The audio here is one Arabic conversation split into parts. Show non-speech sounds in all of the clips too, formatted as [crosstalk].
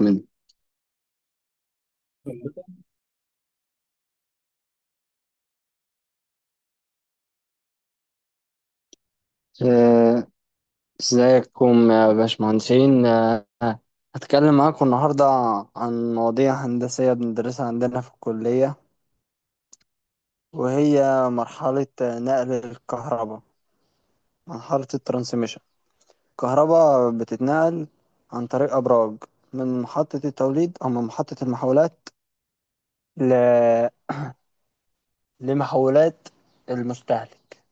من آه، ازيكم يا باشمهندسين هتكلم معاكم النهاردة عن مواضيع هندسية بندرسها عندنا في الكلية، وهي مرحلة نقل الكهرباء، مرحلة الترانسميشن. الكهرباء بتتنقل عن طريق أبراج من محطة التوليد أو من محطة المحولات ل... لمحولات المستهلك.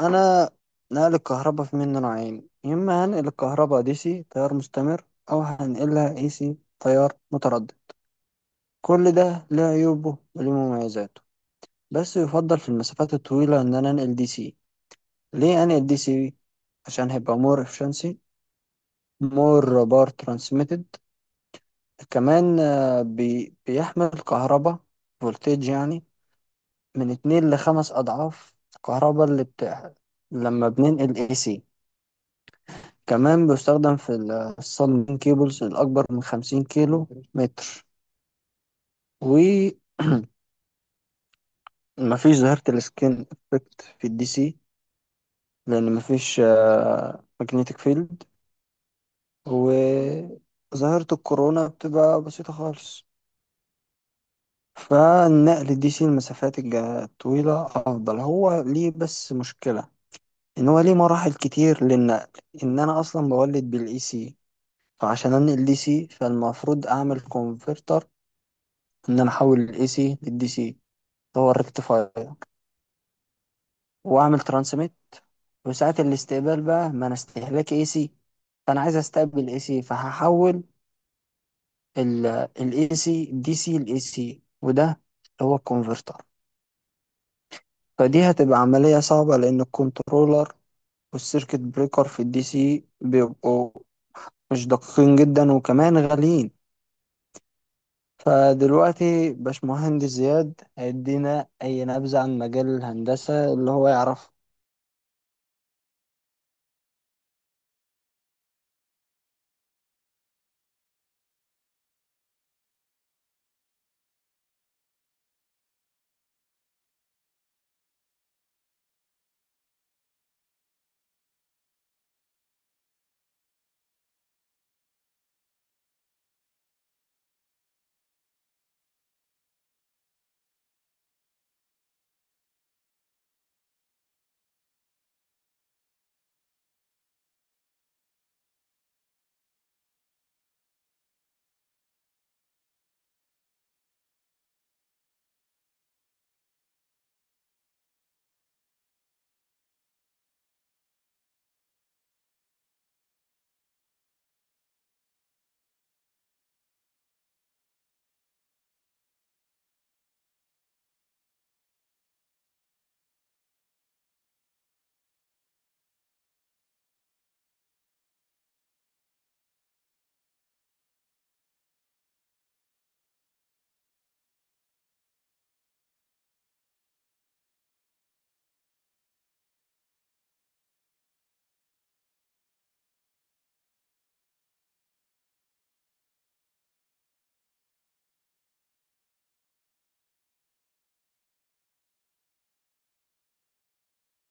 انا نقل الكهرباء في منه نوعين: يا اما هنقل الكهرباء دي سي تيار مستمر، او هنقلها اي سي تيار متردد. كل ده ليه عيوبه وليه مميزاته، بس يفضل في المسافات الطويلة ان انا انقل دي سي. ليه انقل دي سي؟ عشان هيبقى مور efficiency، مور بار ترانسميتد. كمان، بيحمل كهرباء فولتج، يعني من اتنين لخمس اضعاف الكهرباء اللي بتاع لما بننقل اي سي. كمان بيستخدم في الصالون كيبلز الأكبر من 50 كيلو متر. ومفيش ظاهرة السكين افكت في الدي سي، لأن مفيش ماجنتيك فيلد، وظاهرة الكورونا بتبقى بسيطة خالص. فالنقل الدي سي المسافات الطويلة أفضل. هو ليه بس مشكلة إن هو ليه مراحل كتير للنقل، إن أنا أصلا بولد بالإي سي. فعشان أنقل دي سي فالمفروض أعمل كونفرتر، ان انا احول الاي سي للدي سي، هو الريكتيفاير، واعمل ترانسميت. وساعة الاستقبال بقى ما انا استهلاك اي سي، فانا عايز استقبل اي سي فهحول الاي سي دي سي لاي سي، وده هو الكونفرتر. فدي هتبقى عملية صعبة لان الكنترولر والسيركت بريكر في الدي سي بيبقوا مش دقيقين جدا، وكمان غاليين. فدلوقتي باشمهندس زياد هيدينا اي نبذة عن مجال الهندسة اللي هو يعرفه.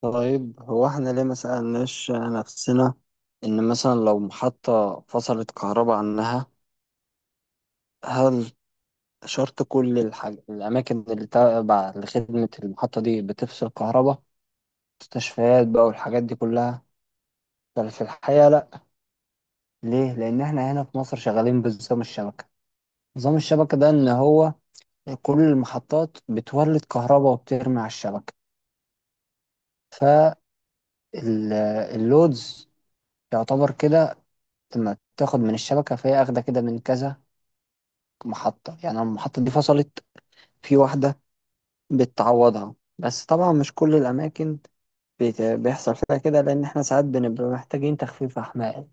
طيب، هو احنا ليه ما سألناش نفسنا إن مثلا لو محطة فصلت كهرباء عنها، هل شرط كل الأماكن اللي تابعة لخدمة المحطة دي بتفصل كهرباء؟ مستشفيات بقى والحاجات دي كلها؟ بل في الحقيقة لأ. ليه؟ لأن احنا هنا في مصر شغالين بنظام الشبكة. نظام الشبكة ده إن هو كل المحطات بتولد كهرباء وبترمي على الشبكة. فاللودز يعتبر كده لما تاخد من الشبكة، فهي أخدة كده من كذا محطة. يعني لما المحطة دي فصلت في واحدة بتعوضها، بس طبعا مش كل الأماكن بيحصل فيها كده، لأن إحنا ساعات بنبقى محتاجين تخفيف أحمال.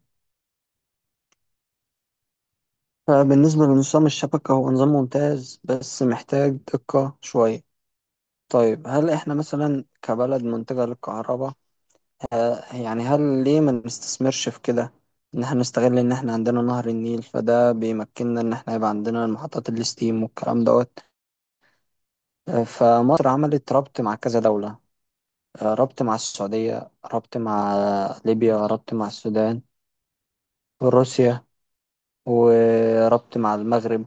فبالنسبة لنظام الشبكة، هو نظام ممتاز بس محتاج دقة شوية. طيب، هل إحنا مثلا كبلد منتجة للكهرباء، يعني هل ليه ما نستثمرش في كده؟ إن إحنا نستغل إن إحنا عندنا نهر النيل، فده بيمكننا إن إحنا يبقى عندنا محطات الستيم والكلام دوت. فمصر عملت ربط مع كذا دولة. ربط مع السعودية، ربط مع ليبيا، ربط مع السودان، وروسيا، وربط مع المغرب.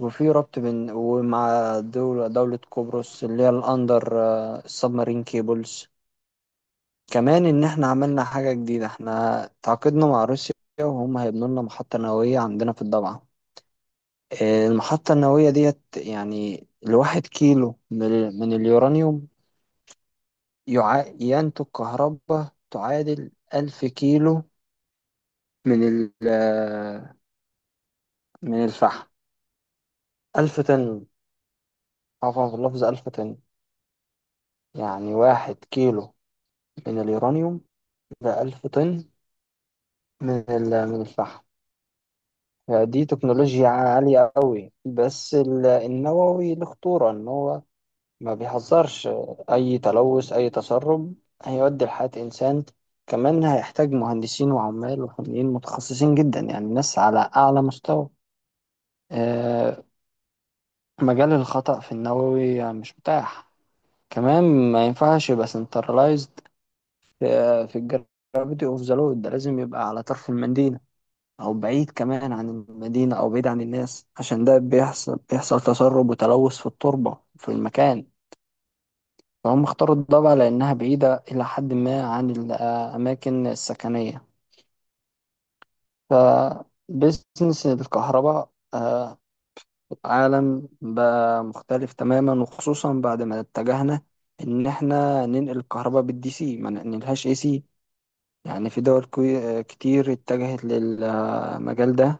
وفي ربط بين ومع دولة قبرص اللي هي الأندر السبمارين كيبلز. كمان إن إحنا عملنا حاجة جديدة: إحنا تعاقدنا مع روسيا، وهم هيبنوا لنا محطة نووية عندنا في الضبعة. المحطة النووية ديت، يعني الواحد كيلو من من اليورانيوم ينتج كهرباء تعادل 1000 كيلو من ال آه، من الفحم، 1000 طن. عفوا في اللفظ، 1000 طن. يعني واحد كيلو من اليورانيوم ده 1000 طن من من الفحم. يعني دي تكنولوجيا عالية قوي. بس النووي له خطورة، إن هو ما بيهزرش، أي تلوث أي تسرب هيؤدي لحياة إنسان. كمان هيحتاج مهندسين وعمال وفنيين متخصصين جدا، يعني ناس على أعلى مستوى. آه، مجال الخطأ في النووي مش متاح. كمان ما ينفعش يبقى سنترلايزد في الجرافيتي اوف ذا لود. ده لازم يبقى على طرف المدينة، او بعيد كمان عن المدينة، او بعيد عن الناس، عشان ده بيحصل تسرب وتلوث في التربة في المكان. فهم اختاروا الضبع لانها بعيدة الى حد ما عن الاماكن السكنية. فبزنس الكهرباء، في العالم بقى مختلف تماما، وخصوصا بعد ما اتجهنا ان احنا ننقل الكهرباء بالدي سي ما ننقلهاش اي سي. يعني في دول كتير اتجهت للمجال ده،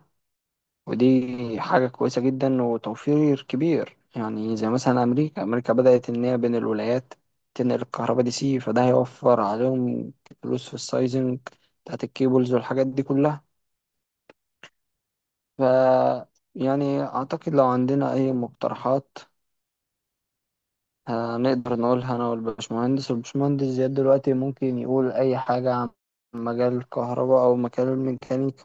ودي حاجة كويسة جدا وتوفير كبير. يعني زي مثلا أمريكا بدأت إن هي بين الولايات تنقل الكهرباء دي سي، فده هيوفر عليهم فلوس في السايزنج بتاعت الكيبلز والحاجات دي كلها. ف يعني أعتقد لو عندنا أي مقترحات هنقدر نقولها أنا والباشمهندس زياد. دلوقتي ممكن يقول أي حاجة عن مجال الكهرباء أو مجال الميكانيكا.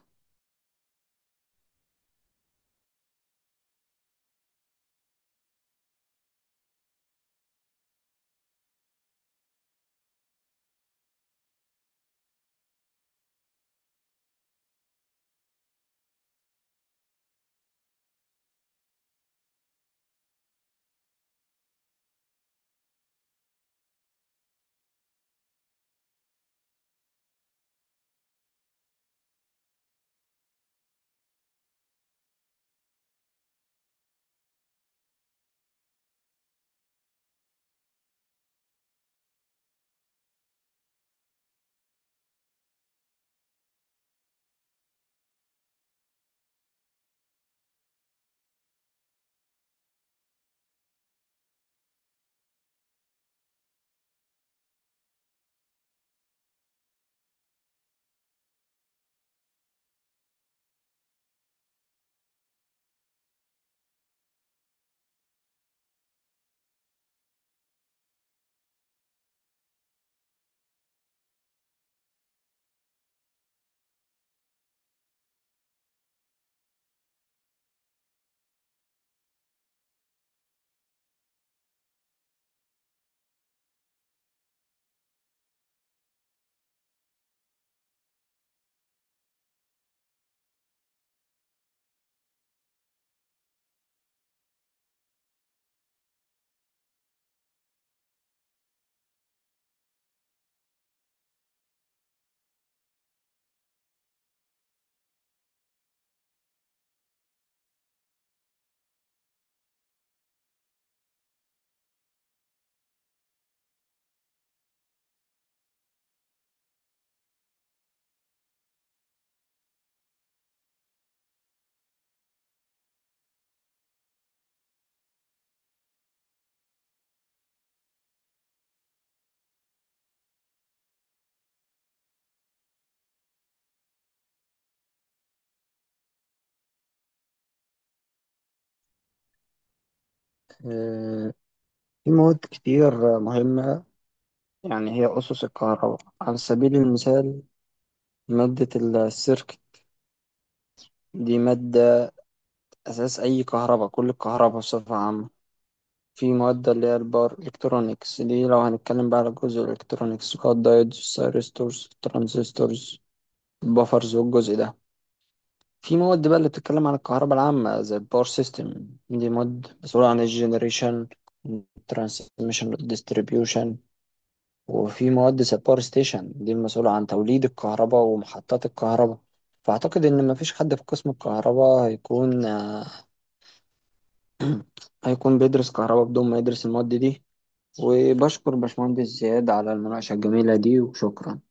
في مواد كتير مهمة، يعني هي أسس الكهرباء. على سبيل المثال، مادة السيركت، دي مادة أساس أي كهرباء، كل الكهرباء بصفة عامة. في مواد اللي هي الباور إلكترونيكس، دي لو هنتكلم بقى على الجزء الإلكترونيكس: الدايودز، الثيرستورز، الترانزستورز، البفرز والجزء ده. في مواد بقى اللي بتتكلم عن الكهرباء العامة، زي الباور سيستم، دي مواد مسؤولة عن الجنريشن، الترانسميشن والديستريبيوشن. وفي مهندس الباور ستيشن، دي المسؤولة عن توليد الكهرباء ومحطات الكهرباء. فأعتقد إن مفيش حد في قسم الكهرباء هيكون آه، [clears throat] هيكون بيدرس كهرباء بدون ما يدرس المواد دي. وبشكر باشمهندس زياد على المناقشة الجميلة دي، وشكرا.